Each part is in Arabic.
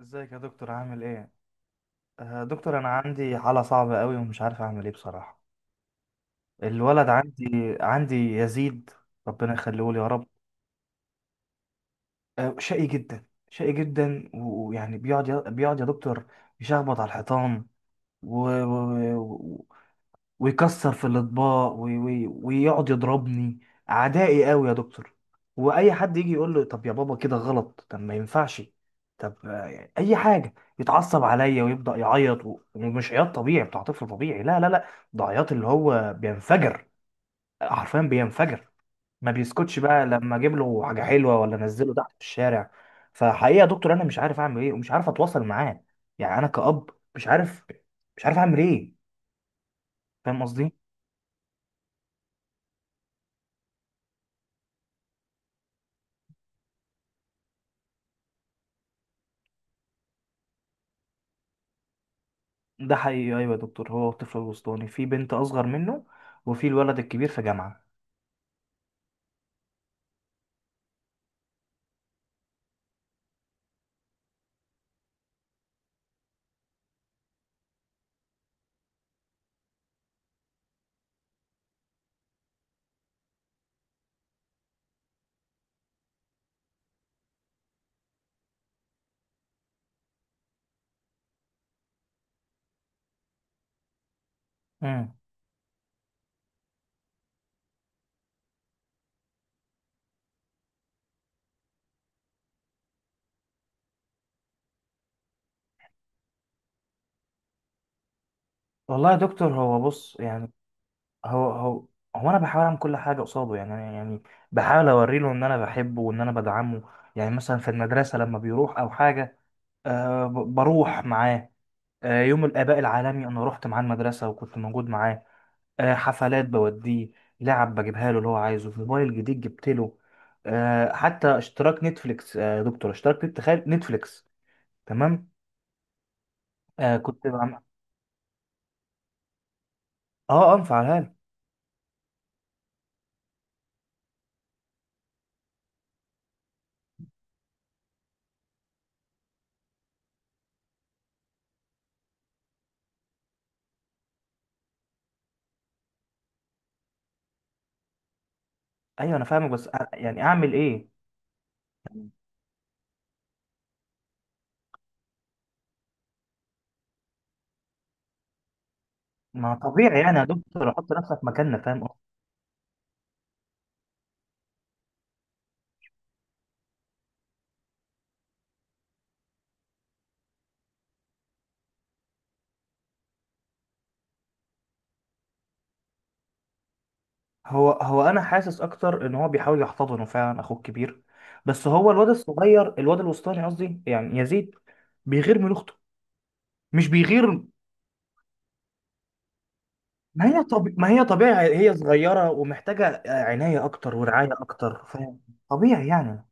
ازيك يا دكتور؟ عامل ايه؟ دكتور، انا عندي حالة صعبة قوي ومش عارف اعمل ايه بصراحة. الولد عندي يزيد، ربنا يخليه لي يا رب. شقي جدا شقي جدا ويعني بيقعد يا دكتور يشخبط على الحيطان، ويعني، ويكسر في الاطباق ويقعد يضربني. عدائي قوي يا دكتور. واي حد يجي يقول له طب يا بابا كده غلط، طب ما ينفعش، طب اي حاجه، يتعصب عليا ويبدا يعيط، ومش عياط طبيعي بتاع طفل طبيعي. لا لا لا، ده عياط اللي هو بينفجر، حرفيا بينفجر. ما بيسكتش بقى لما اجيب له حاجه حلوه ولا انزله تحت في الشارع. فحقيقه يا دكتور، انا مش عارف اعمل ايه ومش عارف اتواصل معاه. يعني انا كأب مش عارف، مش عارف اعمل ايه. فاهم قصدي؟ ده حقيقي، ايوه يا دكتور، هو الطفل الوسطاني، في بنت اصغر منه وفي الولد الكبير في جامعه. امم والله يا دكتور، هو بص يعني، هو هو هو انا بحاول اعمل كل حاجه قصاده. يعني أنا يعني بحاول اوري له ان انا بحبه وان انا بدعمه. يعني مثلا في المدرسه لما بيروح او حاجه، بروح معاه. يوم الاباء العالمي انا رحت معاه المدرسه وكنت موجود معاه. حفلات بوديه، لعب بجيبها له اللي هو عايزه، موبايل جديد جبت له. حتى اشتراك نتفليكس، يا دكتور، اشتراك تخيل، نتفليكس. تمام. كنت بعمل، اه مفعلها له. ايوه انا فاهمك، بس يعني اعمل ايه؟ ما طبيعي يعني يا دكتور، احط نفسك مكاننا، فاهم قصدي؟ هو انا حاسس اكتر ان هو بيحاول يحتضنه فعلا اخوه الكبير. بس هو الواد الصغير، الواد الوسطاني قصدي، يعني يزيد، بيغير من اخته. مش بيغير، ما هي طبيعي، هي صغيره ومحتاجه عنايه اكتر ورعايه اكتر، فاهم؟ طبيعي يعني.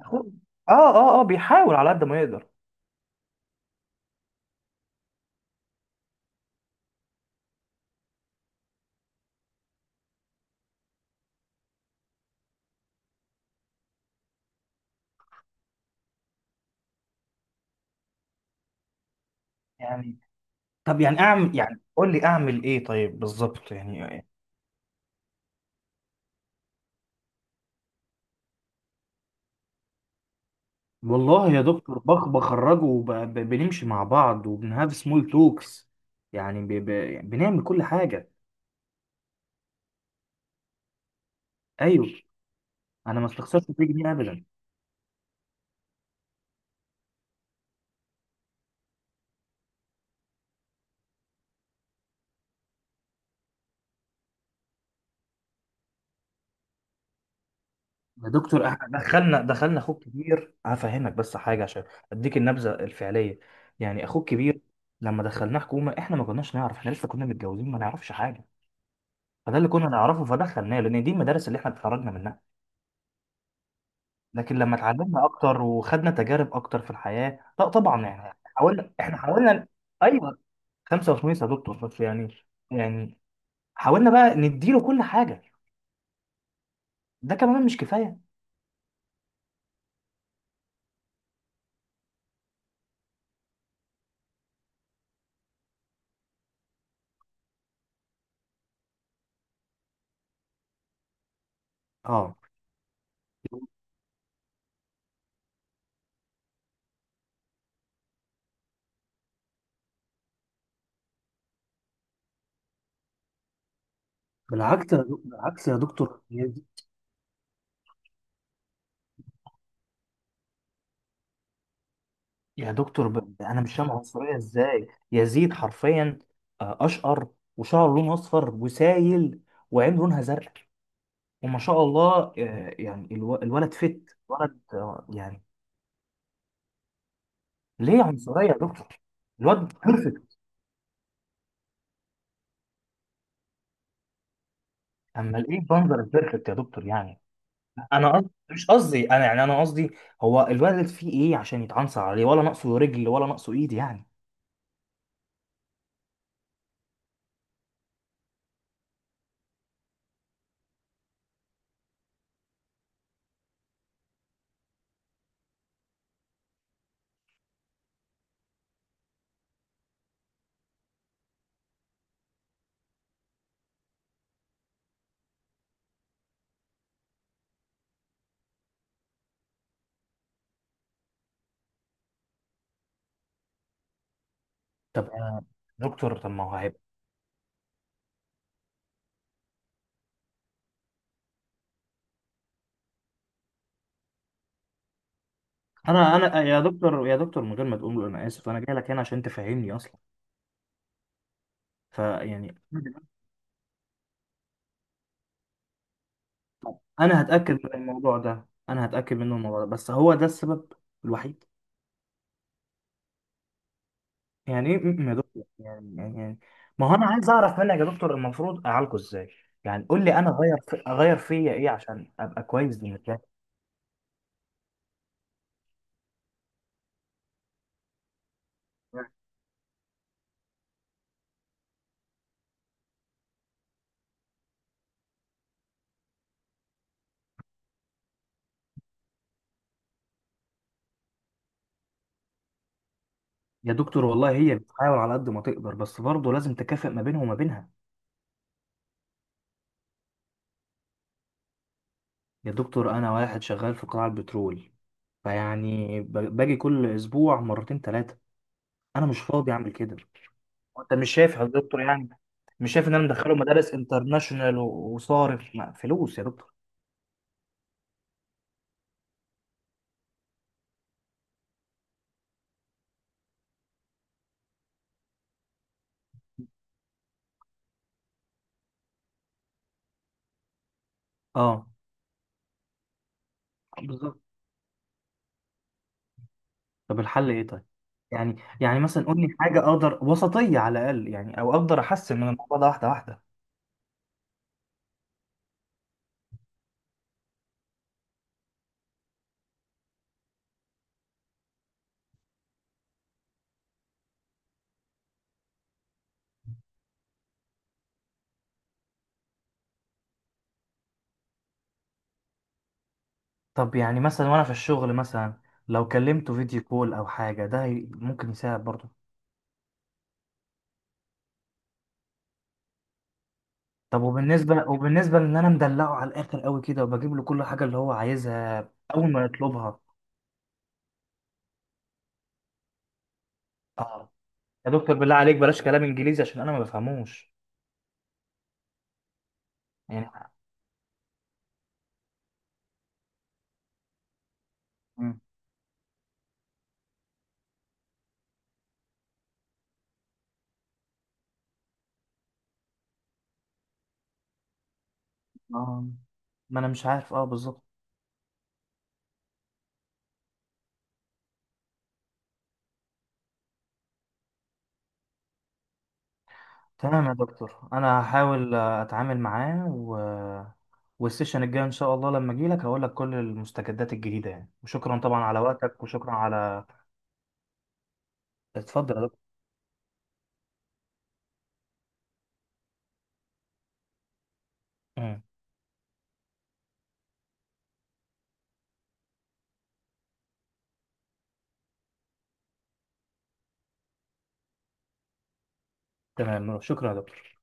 اخوه، اه بيحاول على قد ما يقدر. يعني طب يعني اعمل، يعني قول لي اعمل ايه طيب بالظبط يعني. والله يا دكتور، بخرجه وبنمشي مع بعض وبنهاف سمول توكس، يعني بنعمل كل حاجة. أيوه. أنا ما استخسرش فيه جنيه أبدا. يا دكتور، دخلنا اخوك كبير هفهمك بس حاجه عشان اديك النبذه الفعليه. يعني اخوك كبير لما دخلناه حكومه، احنا ما كناش نعرف، احنا لسه كنا متجوزين، ما نعرفش حاجه. فده اللي كنا نعرفه، فدخلناه لان دي المدارس اللي احنا اتخرجنا منها. لكن لما اتعلمنا اكتر وخدنا تجارب اكتر في الحياه، لا طبعا يعني حاولنا، احنا حاولنا. ايوه، 85 يا دكتور، بس يعني يعني، حاولنا بقى نديله كل حاجه. ده كمان مش كفايه. اه. بالعكس يا دكتور، يا دكتور، انا مش فاهم عنصريه ازاي، يزيد حرفيا اشقر، وشعره لونه اصفر وسايل، وعين لونها زرق، وما شاء الله. يعني الولد فت ولد، يعني. ليه عنصريه يا دكتور؟ الواد بيرفكت. اما ايه منظر البيرفكت يا دكتور يعني؟ انا قصدي مش قصدي، انا يعني، انا قصدي هو الولد فيه ايه عشان يتعنصر عليه؟ ولا ناقصه رجل ولا ناقصه ايد يعني. طب يا دكتور، طب ما هو هيبقى، انا يا دكتور من غير ما تقول له انا اسف، انا جاي لك هنا عشان تفهمني اصلا. فيعني انا هتاكد من الموضوع ده، انا هتاكد منه الموضوع ده، بس هو ده السبب الوحيد؟ يعني ايه م- م يا دكتور يعني ما هو انا عايز اعرف منك يا دكتور، المفروض اعالجه ازاي؟ يعني قول لي انا اغير في، اغير فيا ايه عشان ابقى كويس بالنسبه لي. يا دكتور والله هي بتحاول على قد ما تقدر، بس برضه لازم تكافئ ما بينه وما بينها. يا دكتور، انا واحد شغال في قطاع البترول، فيعني باجي كل اسبوع مرتين ثلاثه. انا مش فاضي اعمل كده. انت مش شايف يا دكتور يعني؟ مش شايف ان انا مدخله مدارس انترناشونال وصارف فلوس يا دكتور؟ اه بالظبط. طب الحل ايه طيب؟ مثلا قول لي حاجه اقدر وسطيه على الاقل، يعني او اقدر احسن من الموضوع ده واحده واحده. طب يعني مثلا وانا في الشغل مثلا، لو كلمته فيديو كول او حاجه ده ممكن يساعد برضه؟ طب وبالنسبه، لان انا مدلعه على الاخر قوي كده، وبجيب له كل حاجه اللي هو عايزها اول ما يطلبها. اه يا دكتور بالله عليك، بلاش كلام انجليزي عشان انا ما بفهموش. يعني. مم. آه. ما انا مش عارف بالظبط. تمام يا دكتور، انا هحاول اتعامل معاه والسيشن الجاي ان شاء الله لما اجي لك هقول لك كل المستجدات الجديده يعني، وشكرا طبعا على وقتك، وشكرا على. اتفضل يا دكتور. مم. تمام، شكرا يا دكتور.